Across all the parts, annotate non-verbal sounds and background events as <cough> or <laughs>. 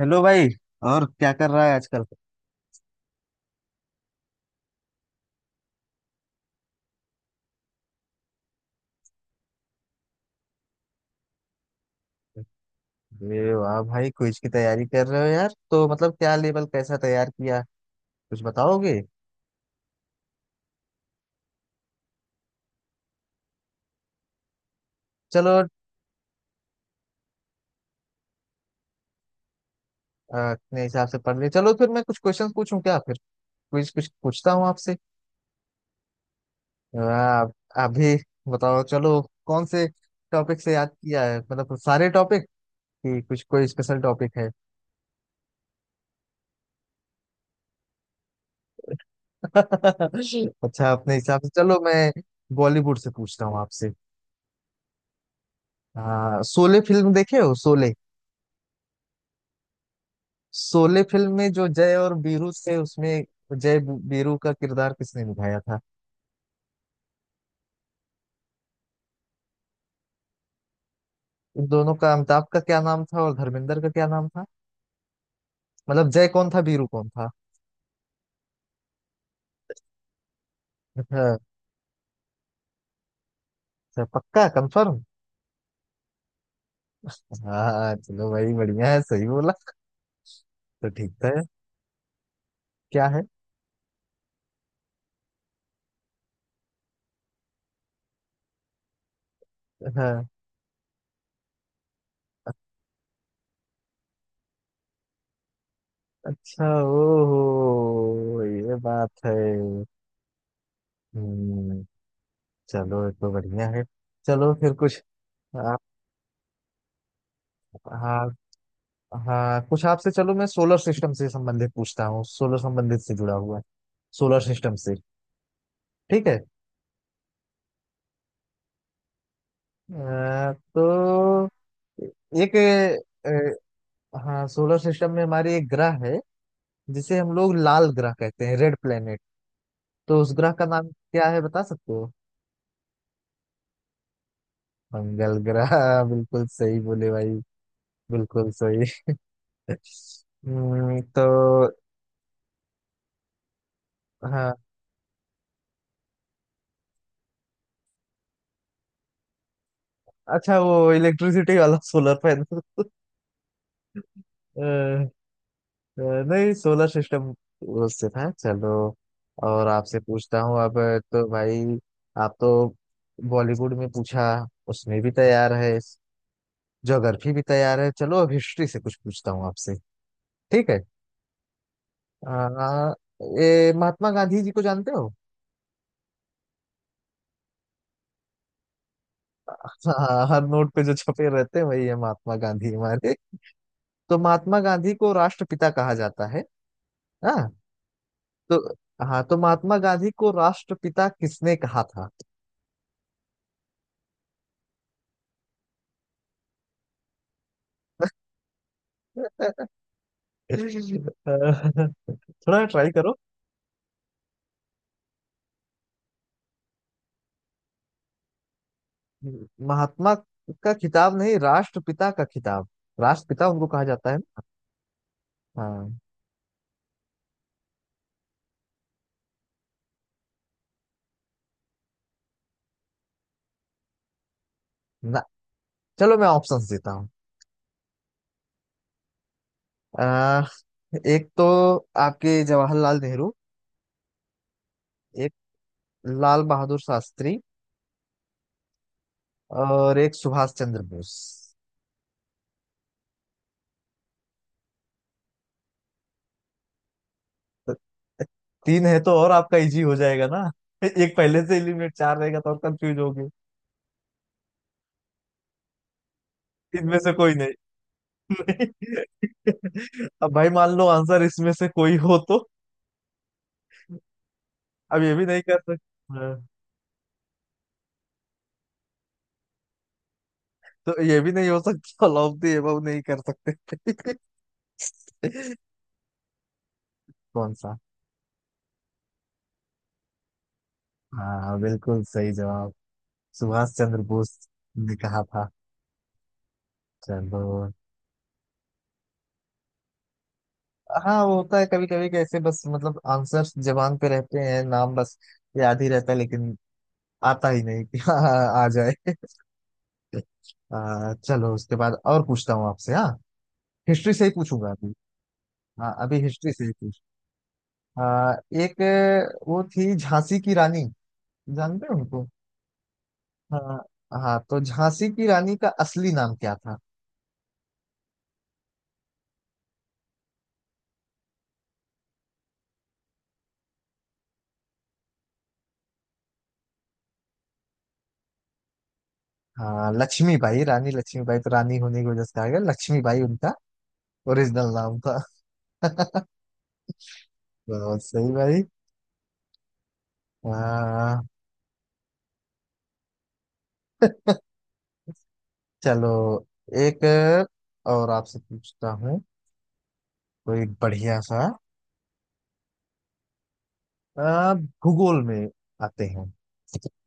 Hello भाई। और क्या कर रहा है आजकल। अरे वाह भाई, क्विज की तैयारी कर रहे हो यार। तो मतलब क्या लेवल कैसा तैयार किया, कुछ बताओगे। चलो, अपने हिसाब से पढ़ लिए। चलो फिर मैं कुछ क्वेश्चन पूछूं क्या फिर, क्विज कुछ पूछता हूँ आपसे। आप आप भी बताओ। चलो, कौन से टॉपिक से याद किया है, मतलब सारे टॉपिक कि कुछ कोई स्पेशल टॉपिक है। <laughs> अच्छा, अपने हिसाब से चलो मैं बॉलीवुड से पूछता हूँ आपसे। शोले फिल्म देखे हो, शोले। शोले फिल्म में जो जय और वीरू थे, उसमें जय वीरू का किरदार किसने निभाया था। इन दोनों का, अमिताभ का क्या नाम था और धर्मेंद्र का क्या नाम था, मतलब जय कौन था वीरू कौन था। अच्छा। अच्छा, पक्का कंफर्म। हाँ, चलो भाई, बढ़िया है, सही बोला, तो ठीक था। क्या है। हाँ, अच्छा, ओहो ये बात है। हम्म। चलो ये तो बढ़िया है। चलो फिर कुछ आप। हाँ, हाँ, कुछ आपसे, चलो मैं सोलर सिस्टम से संबंधित पूछता हूँ, सोलर संबंधित से जुड़ा हुआ है, सोलर सिस्टम से। ठीक है। तो एक, अ, हाँ, सोलर सिस्टम में हमारे एक ग्रह है जिसे हम लोग लाल ग्रह कहते हैं, रेड प्लेनेट। तो उस ग्रह का नाम क्या है, बता सकते हो। मंगल ग्रह। <laughs> बिल्कुल सही बोले भाई, बिल्कुल सही। <laughs> तो हाँ। अच्छा, वो इलेक्ट्रिसिटी वाला सोलर पैनल। <laughs> नहीं, सोलर सिस्टम उससे था। चलो और आपसे पूछता हूँ अब। तो भाई, आप तो बॉलीवुड में पूछा, उसमें भी तैयार है, ज्योग्राफी भी तैयार है। चलो अब हिस्ट्री से कुछ पूछता हूँ आपसे। ठीक है। आ, ये महात्मा गांधी जी को जानते हो। <laughs> हाँ, हर नोट पे जो छपे रहते हैं वही है महात्मा गांधी हमारे। तो महात्मा गांधी को राष्ट्रपिता कहा जाता है। हाँ। तो हाँ, तो महात्मा गांधी को राष्ट्रपिता किसने कहा था। <laughs> थोड़ा ट्राई करो। महात्मा का खिताब नहीं, राष्ट्रपिता का खिताब, राष्ट्रपिता उनको कहा जाता है ना। हाँ। ना, चलो मैं ऑप्शंस देता हूँ। एक तो आपके जवाहरलाल नेहरू, एक लाल बहादुर शास्त्री, और एक सुभाष चंद्र बोस। तो तीन है तो और आपका इजी हो जाएगा ना। <laughs> एक पहले से एलिमिनेट, चार रहेगा तो और कंफ्यूज होगे। इनमें से कोई नहीं। <laughs> अब भाई मान लो आंसर इसमें से कोई हो तो, अब ये भी नहीं कर सकते हाँ। तो ये भी नहीं हो सकता। <laughs> ऑल ऑफ द अबव नहीं कर सकते। <laughs> कौन सा। हाँ, बिल्कुल सही जवाब, सुभाष चंद्र बोस ने कहा था। चलो। हाँ, वो होता है कभी कभी, कैसे बस मतलब आंसर्स जबान पे रहते हैं, नाम बस याद ही रहता है लेकिन आता ही नहीं कि हाँ, हाँ, आ जाए। <laughs> चलो उसके बाद और पूछता हूँ आपसे। हाँ, हिस्ट्री से ही पूछूंगा अभी। हाँ, अभी हिस्ट्री से ही पूछ। आ, एक, वो थी झांसी की रानी, जानते हो उनको। हाँ। हाँ तो झांसी की रानी का असली नाम क्या था। हाँ, लक्ष्मीबाई, रानी लक्ष्मीबाई, तो रानी होने की वजह से आ गया, लक्ष्मीबाई उनका ओरिजिनल नाम था। <laughs> बहुत सही भाई। हाँ चलो, एक और आपसे पूछता हूँ, कोई बढ़िया सा। आ, भूगोल में आते हैं,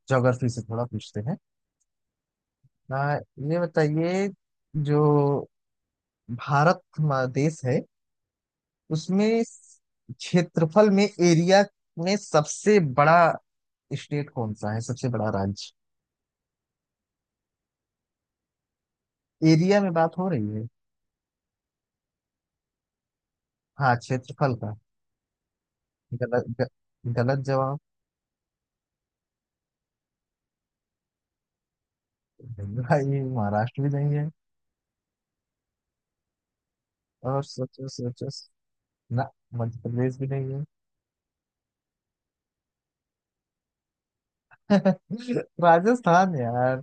ज्योग्राफी से थोड़ा पूछते हैं। आ, ये बताइए, जो भारत हमारा देश है उसमें क्षेत्रफल में, एरिया में सबसे बड़ा स्टेट कौन सा है, सबसे बड़ा राज्य। एरिया में बात हो रही है। हाँ, क्षेत्रफल का। गलत ग, गलत जवाब। नहीं भाई, महाराष्ट्र भी नहीं है। और सोचो सोचो। ना, मध्य प्रदेश भी नहीं है। <laughs> राजस्थान यार।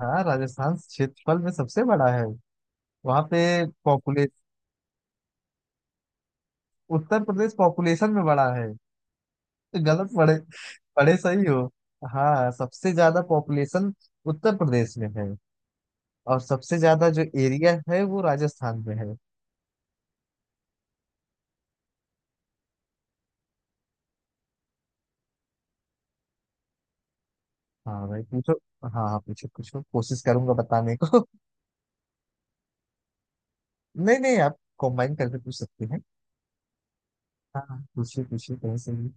हाँ, राजस्थान क्षेत्रफल में सबसे बड़ा है। वहां पे पॉपुलेशन, उत्तर प्रदेश पॉपुलेशन में बड़ा है तो गलत पड़े, बड़े सही हो। हाँ, सबसे ज्यादा पॉपुलेशन उत्तर प्रदेश में है, और सबसे ज्यादा जो एरिया है वो राजस्थान में है। हाँ भाई पूछो। हाँ, हाँ पूछो पूछो, कोशिश करूंगा बताने को। <laughs> नहीं नहीं, आप कंबाइन करके पूछ सकते हैं। हाँ हाँ, पूछिए पूछिए कहीं से भी।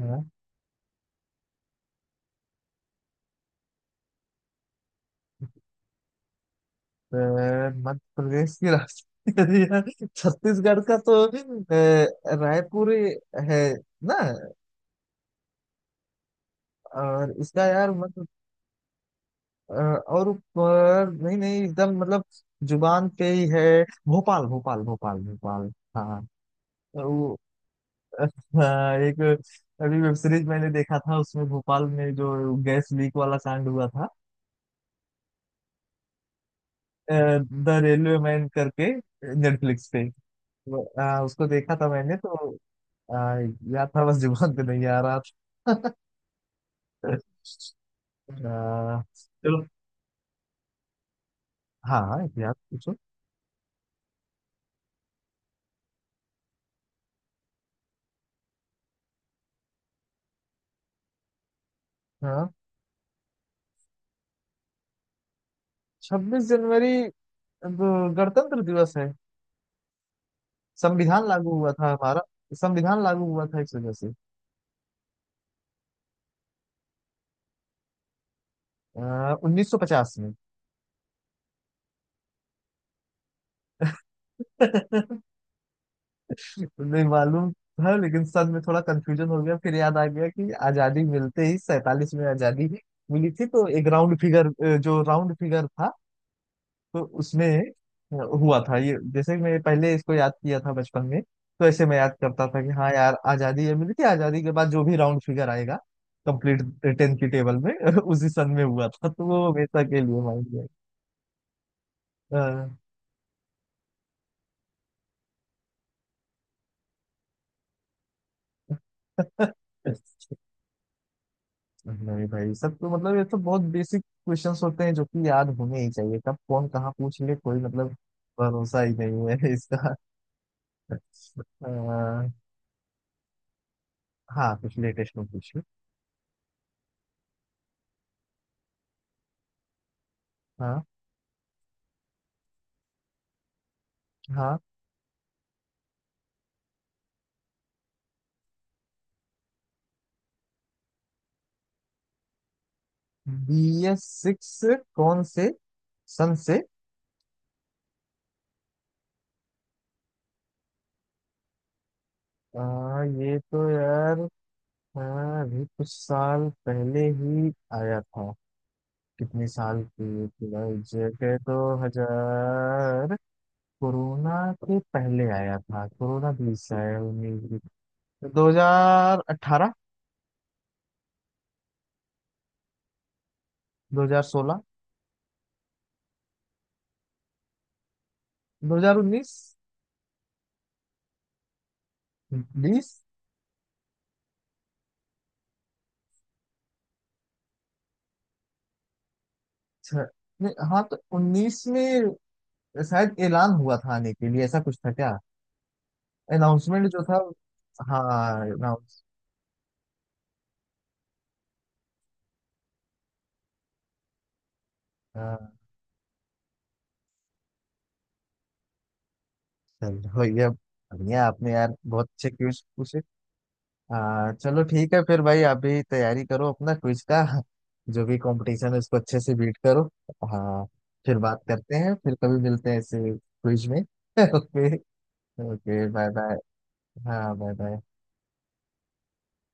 हाँ। तो मध्य प्रदेश की राजधानी <laughs> यार, छत्तीसगढ़ का तो रायपुर है ना। और इसका यार मध्य, और ऊपर नहीं नहीं, एकदम मतलब जुबान पे ही है, भोपाल भोपाल भोपाल भोपाल। हाँ। वो, अ, <laughs> हाँ, एक अभी वेब सीरीज मैंने देखा था, उसमें भोपाल में जो गैस लीक वाला कांड हुआ था, द रेलवे मैन करके, नेटफ्लिक्स पे। वो, उसको देखा था मैंने तो। अ, याद था, बस जुबान पे नहीं आ रहा था। अ, चलो। हाँ, याद पूछो। हाँ। 26 जनवरी, अब गणतंत्र दिवस है, संविधान लागू हुआ था हमारा। संविधान लागू हुआ था इस वजह से। 1950 में। <laughs> नहीं मालूम था, लेकिन सन में थोड़ा कंफ्यूजन हो गया, फिर याद आ गया कि आजादी मिलते ही 47 में आजादी मिली थी, तो एक राउंड फिगर, जो राउंड फिगर था तो उसमें हुआ था ये। जैसे मैं पहले इसको याद किया था बचपन में तो ऐसे मैं याद करता था कि हाँ यार, आजादी ये मिली थी, आजादी के बाद जो भी राउंड फिगर आएगा, कंप्लीट 10 की टेबल में <laughs> उसी सन में हुआ था, तो वो हमेशा के लिए माइंड। हाँ। नहीं भाई, सब तो मतलब ये तो बहुत बेसिक क्वेश्चंस होते हैं जो कि याद होने ही चाहिए, कब कौन कहाँ पूछ ले कोई, मतलब भरोसा ही नहीं है <laughs> इसका। अह, हाँ, कुछ लेटेस्ट में पूछिए। हाँ। हाँ। BS6 कौन से सन से। ये तो यार, हाँ, अभी कुछ साल पहले ही आया था। कितने साल की एग्जैक्ट है तो, हजार, कोरोना के पहले आया था, कोरोना 20 है, 19। 2018। 2016। 2019। 20। छ नहीं, हाँ तो 19 में शायद ऐलान हुआ था, आने के लिए ऐसा कुछ था क्या, अनाउंसमेंट जो था। हाँ। अनाउंस। चल हो गया, बढ़िया। आपने यार बहुत अच्छे क्वेश्चन पूछे। हाँ चलो ठीक है, फिर भाई अभी तैयारी करो अपना क्विज का, जो भी कंपटीशन है उसको अच्छे से बीट करो। हाँ, फिर बात करते हैं, फिर कभी मिलते हैं ऐसे क्विज में। <laughs> ओके। Okay, bye bye. हाँ, बाय बाय।